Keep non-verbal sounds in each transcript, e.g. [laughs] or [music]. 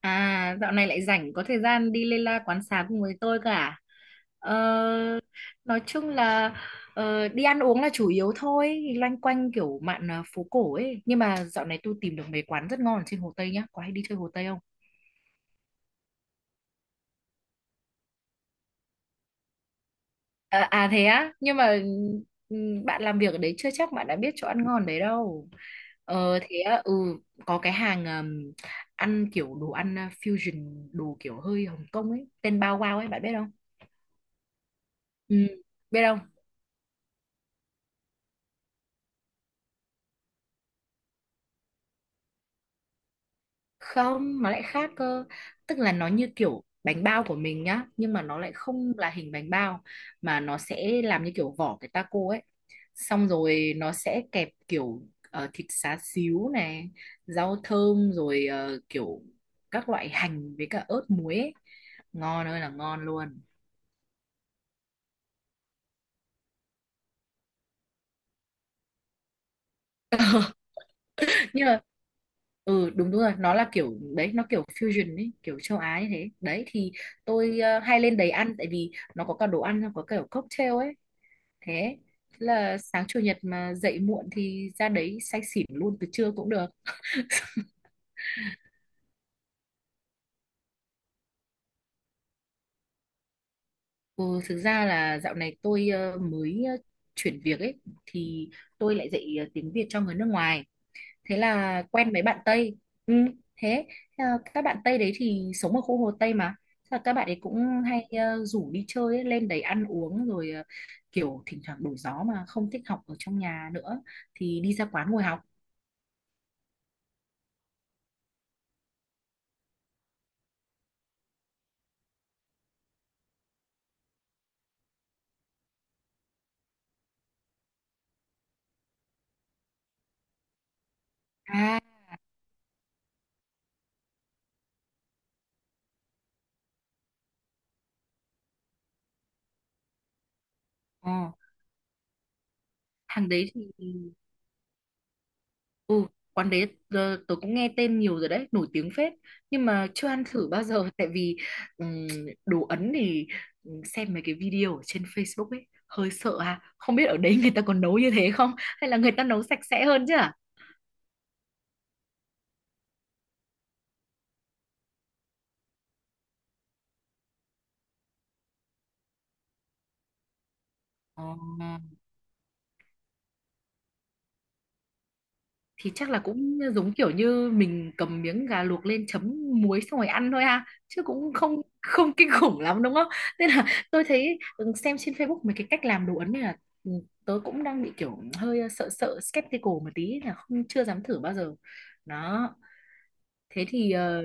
À, dạo này lại rảnh có thời gian đi Lê La quán xá cùng với tôi cả, à? Ờ, nói chung là đi ăn uống là chủ yếu thôi, loanh quanh kiểu mạn phố cổ ấy. Nhưng mà dạo này tôi tìm được mấy quán rất ngon ở trên Hồ Tây nhá. Có hay đi chơi Hồ Tây không? À, thế á, nhưng mà bạn làm việc ở đấy chưa chắc bạn đã biết chỗ ăn ngon đấy đâu. Ờ thế á. Ừ có cái hàng ăn kiểu đồ ăn fusion, đồ kiểu hơi Hồng Kông ấy, tên Bao Wow ấy bạn biết không? Ừ, biết không? Không, nó lại khác cơ. Tức là nó như kiểu bánh bao của mình nhá, nhưng mà nó lại không là hình bánh bao mà nó sẽ làm như kiểu vỏ cái taco ấy. Xong rồi nó sẽ kẹp kiểu thịt xá xíu này, rau thơm rồi kiểu các loại hành với cả ớt muối ấy. Ngon ơi là ngon luôn. Nhưng mà đúng đúng rồi, nó là kiểu đấy, nó kiểu fusion ấy, kiểu châu Á như thế. Đấy thì tôi hay lên đấy ăn tại vì nó có cả đồ ăn, nó có kiểu cocktail ấy, thế là sáng chủ nhật mà dậy muộn thì ra đấy say xỉn luôn từ trưa cũng được. [laughs] Ừ, Thực ra là dạo này tôi mới chuyển việc ấy, thì tôi lại dạy tiếng Việt cho người nước ngoài, thế là quen mấy bạn Tây. ừ, Thế ờ, các bạn Tây đấy thì sống ở khu Hồ Tây mà. Thế là các bạn ấy cũng hay rủ đi chơi ấy, lên đấy ăn uống rồi kiểu thỉnh thoảng đổi gió mà không thích học ở trong nhà nữa thì đi ra quán ngồi học. à ờ, Thằng đấy thì... Ừ, quán đấy tớ cũng nghe tên nhiều rồi đấy, nổi tiếng phết, nhưng mà chưa ăn thử bao giờ tại vì ừm, đồ Ấn thì xem mấy cái video ở trên Facebook ấy hơi sợ à, không biết ở đấy người ta còn nấu như thế không hay là người ta nấu sạch sẽ hơn chứ à? Ờ. Thì chắc là cũng giống kiểu như mình cầm miếng gà luộc lên chấm muối xong rồi ăn thôi ha, chứ cũng không không kinh khủng lắm đúng không. [laughs] Nên là tôi thấy, xem trên Facebook mấy cái cách làm đồ Ấn này là ừ, tớ cũng đang bị kiểu hơi sợ sợ skeptical một tí, là không chưa dám thử bao giờ đó. Thế thì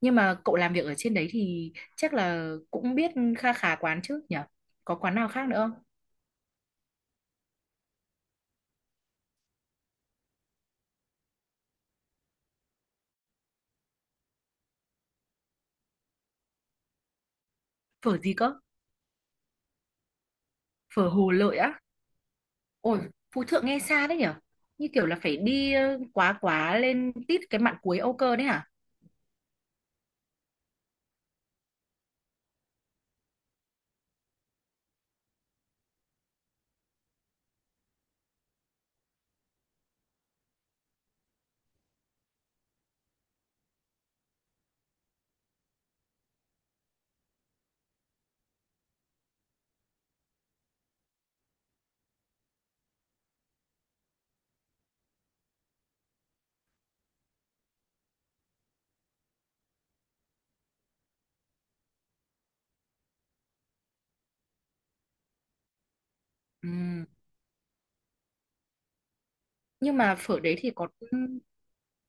nhưng mà cậu làm việc ở trên đấy thì chắc là cũng biết kha khá quán chứ nhỉ, có quán nào khác nữa không? Phở gì cơ? Phở Hồ Lợi á? Ôi, Phú Thượng nghe xa đấy nhở? Như kiểu là phải đi quá quá lên tít cái mạn cuối Âu Cơ đấy hả? Ừ. Nhưng mà phở đấy thì có...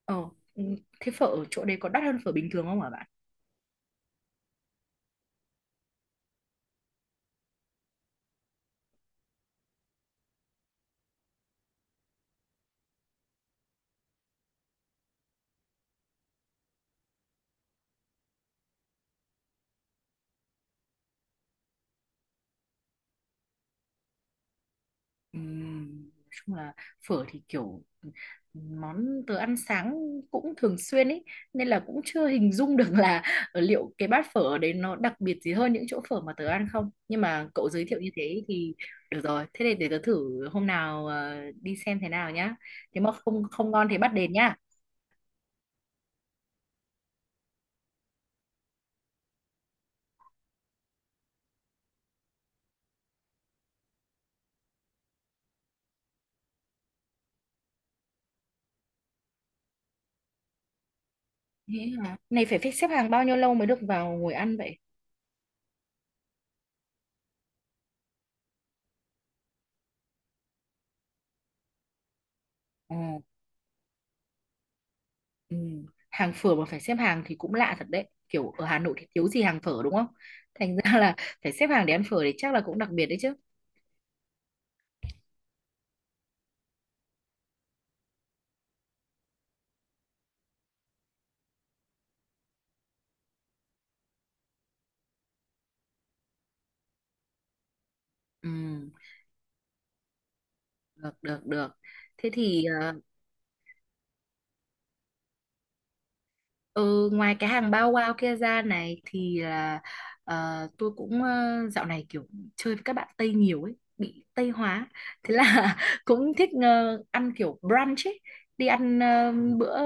Ờ, ừ, thế phở ở chỗ đấy có đắt hơn phở bình thường không hả? Nói chung là phở thì kiểu món tớ ăn sáng cũng thường xuyên ấy, nên là cũng chưa hình dung được là [laughs] ở liệu cái bát phở ở đấy nó đặc biệt gì hơn những chỗ phở mà tớ ăn không, nhưng mà cậu giới thiệu như thế thì được rồi, thế thì để tớ thử hôm nào đi xem thế nào nhá. Nếu mà không không ngon thì bắt đền nhá. Thế hả, này phải phải xếp hàng bao nhiêu lâu mới được vào ngồi ăn vậy? Ồ. Ừ. Hàng phở mà phải xếp hàng thì cũng lạ thật đấy. Kiểu ở Hà Nội thì thiếu gì hàng phở đúng không? [laughs] Thành ra là phải xếp hàng để ăn phở thì chắc là cũng đặc biệt đấy chứ. Ừ, được, được, được. Thế thì Ừ, ngoài cái hàng bao wow kia ra này thì là tôi cũng dạo này kiểu chơi với các bạn Tây nhiều ấy, bị Tây hóa, thế là [laughs] cũng thích ăn kiểu brunch ấy, đi ăn bữa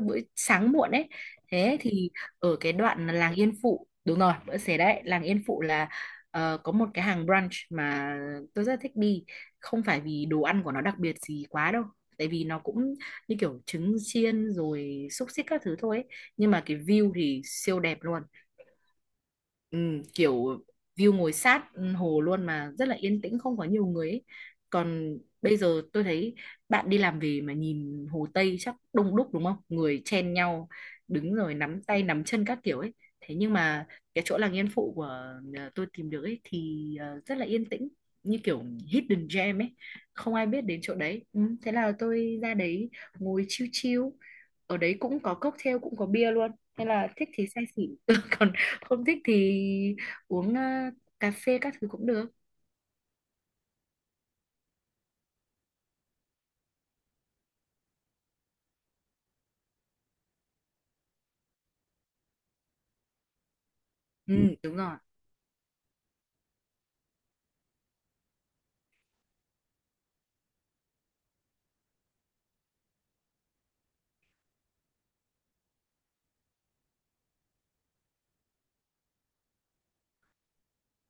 bữa sáng muộn ấy. Thế thì ở cái đoạn là làng Yên Phụ, đúng rồi bữa xế đấy, làng Yên Phụ là có một cái hàng brunch mà tôi rất thích đi, không phải vì đồ ăn của nó đặc biệt gì quá đâu, tại vì nó cũng như kiểu trứng chiên rồi xúc xích các thứ thôi ấy, nhưng mà cái view thì siêu đẹp luôn. Ừ, Kiểu view ngồi sát hồ luôn mà rất là yên tĩnh, không có nhiều người ấy. Còn bây giờ tôi thấy bạn đi làm về mà nhìn Hồ Tây chắc đông đúc đúng không? Người chen nhau đứng rồi nắm tay nắm chân các kiểu ấy. Thế nhưng mà cái chỗ làng Yên Phụ của tôi tìm được ấy thì rất là yên tĩnh, như kiểu hidden gem ấy. Không ai biết đến chỗ đấy. Ừ, Thế là tôi ra đấy ngồi chill chill. Ở đấy cũng có cocktail, cũng có bia luôn, nên là thích thì say xỉn. [laughs] Còn không thích thì uống cà phê các thứ cũng được. Ừ, ừ, đúng rồi.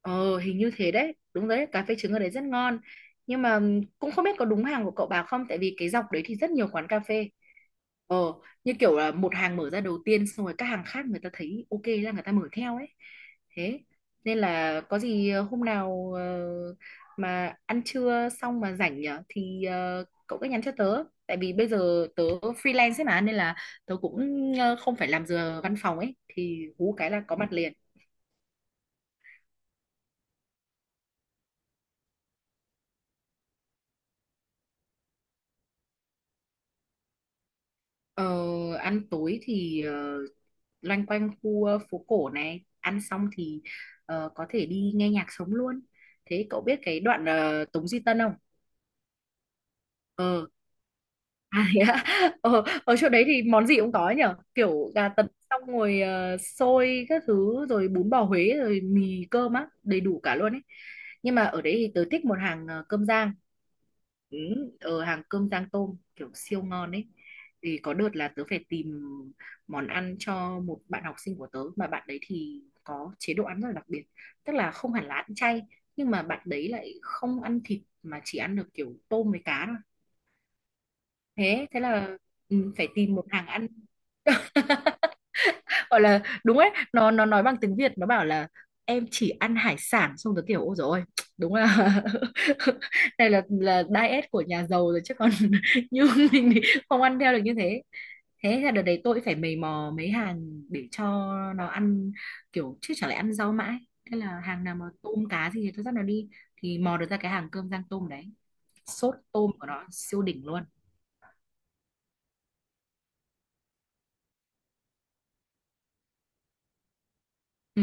Ờ hình như thế đấy, đúng đấy, cà phê trứng ở đấy rất ngon. Nhưng mà cũng không biết có đúng hàng của cậu bà không, tại vì cái dọc đấy thì rất nhiều quán cà phê. Ờ Như kiểu là một hàng mở ra đầu tiên, xong rồi các hàng khác người ta thấy ok là người ta mở theo ấy. Thế nên là có gì hôm nào mà ăn trưa xong mà rảnh nhở, thì cậu cứ nhắn cho tớ, tại vì bây giờ tớ freelance ấy mà, nên là tớ cũng không phải làm giờ văn phòng ấy, thì hú cái là có mặt liền. Ờ, Ăn tối thì loanh quanh khu phố cổ này ăn xong thì có thể đi nghe nhạc sống luôn. Thế cậu biết cái đoạn Tống Duy Tân không? Ờ. [laughs] À, thế ạ. Ở chỗ đấy thì món gì cũng có nhở, kiểu gà tần xong rồi xôi các thứ rồi bún bò Huế rồi mì cơm á, đầy đủ cả luôn ấy. Nhưng mà ở đấy thì tớ thích một hàng cơm rang. Ừ, Ở hàng cơm rang tôm kiểu siêu ngon ấy, thì có đợt là tớ phải tìm món ăn cho một bạn học sinh của tớ mà bạn đấy thì có chế độ ăn rất là đặc biệt, tức là không hẳn là ăn chay, nhưng mà bạn đấy lại không ăn thịt mà chỉ ăn được kiểu tôm với cá thôi. Thế thế là phải tìm một hàng ăn gọi là đúng ấy. Nó nói bằng tiếng Việt, nó bảo là em chỉ ăn hải sản, xong rồi kiểu ôi dồi ôi, đúng là [laughs] này là diet của nhà giàu rồi chứ còn. [laughs] Như mình thì không ăn theo được như thế. Thế là đợt đấy tôi phải mày mò mấy hàng để cho nó ăn kiểu, chứ chẳng lẽ ăn rau mãi. Thế là hàng nào mà tôm cá gì thì tôi dắt nó đi, thì mò được ra cái hàng cơm rang tôm đấy, sốt tôm của nó siêu đỉnh luôn. Ừ.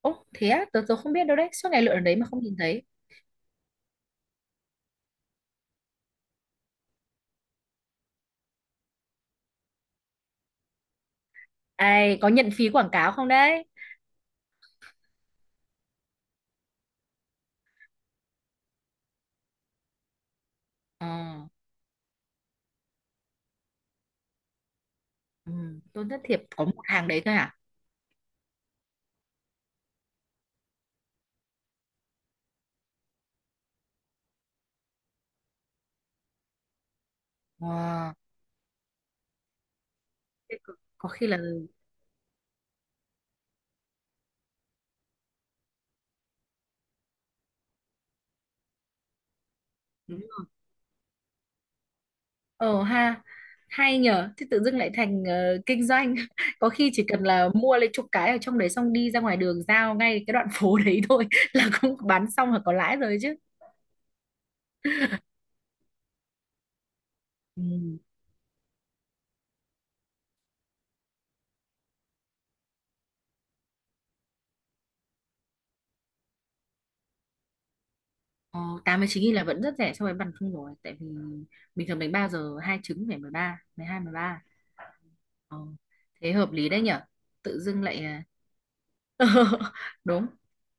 Ồ thế á, tớ không biết đâu đấy, suốt ngày lượn ở đấy mà không nhìn thấy. Ai có nhận phí quảng cáo không đấy? Ờ, ừ, tôi rất thiệp có một hàng đấy thôi à? Ờ, Thế có khi là... Đúng rồi. Ờ ha, hay nhở, thế tự dưng lại thành kinh doanh. [laughs] Có khi chỉ cần là mua lấy chục cái ở trong đấy xong đi ra ngoài đường giao ngay cái đoạn [laughs] phố đấy thôi [laughs] là cũng bán xong là có lãi rồi chứ. Ừ. Ờ, 89.000 là vẫn rất rẻ so với bàn không rồi. Tại vì bình thường bánh bao giờ hai trứng phải 13, 12, 13. Ờ, thế hợp lý đấy nhở. Tự dưng lại [laughs] đúng.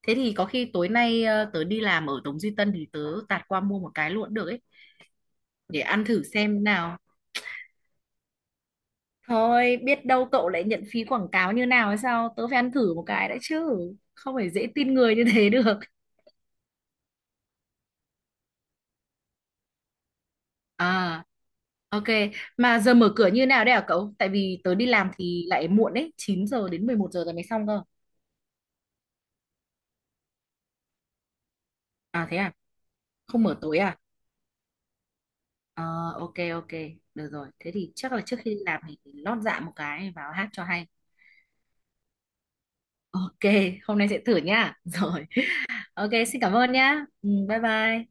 Thế thì có khi tối nay tớ đi làm ở Tống Duy Tân thì tớ tạt qua mua một cái luôn cũng được ấy, để ăn thử xem nào. Thôi biết đâu cậu lại nhận phí quảng cáo như nào hay sao, tớ phải ăn thử một cái đã chứ, không phải dễ tin người như thế được. [laughs] À, ok. Mà giờ mở cửa như nào đấy hả cậu, tại vì tớ đi làm thì lại muộn đấy, 9 giờ đến 11 giờ rồi mới xong cơ. À thế à, không mở tối à? Ờ, ok, ok, được rồi. Thế thì chắc là trước khi đi làm thì lót dạ một cái vào hát cho hay. Ok, hôm nay sẽ thử nhá. [laughs] Rồi, ok, xin cảm ơn nhá. Ừ, bye bye.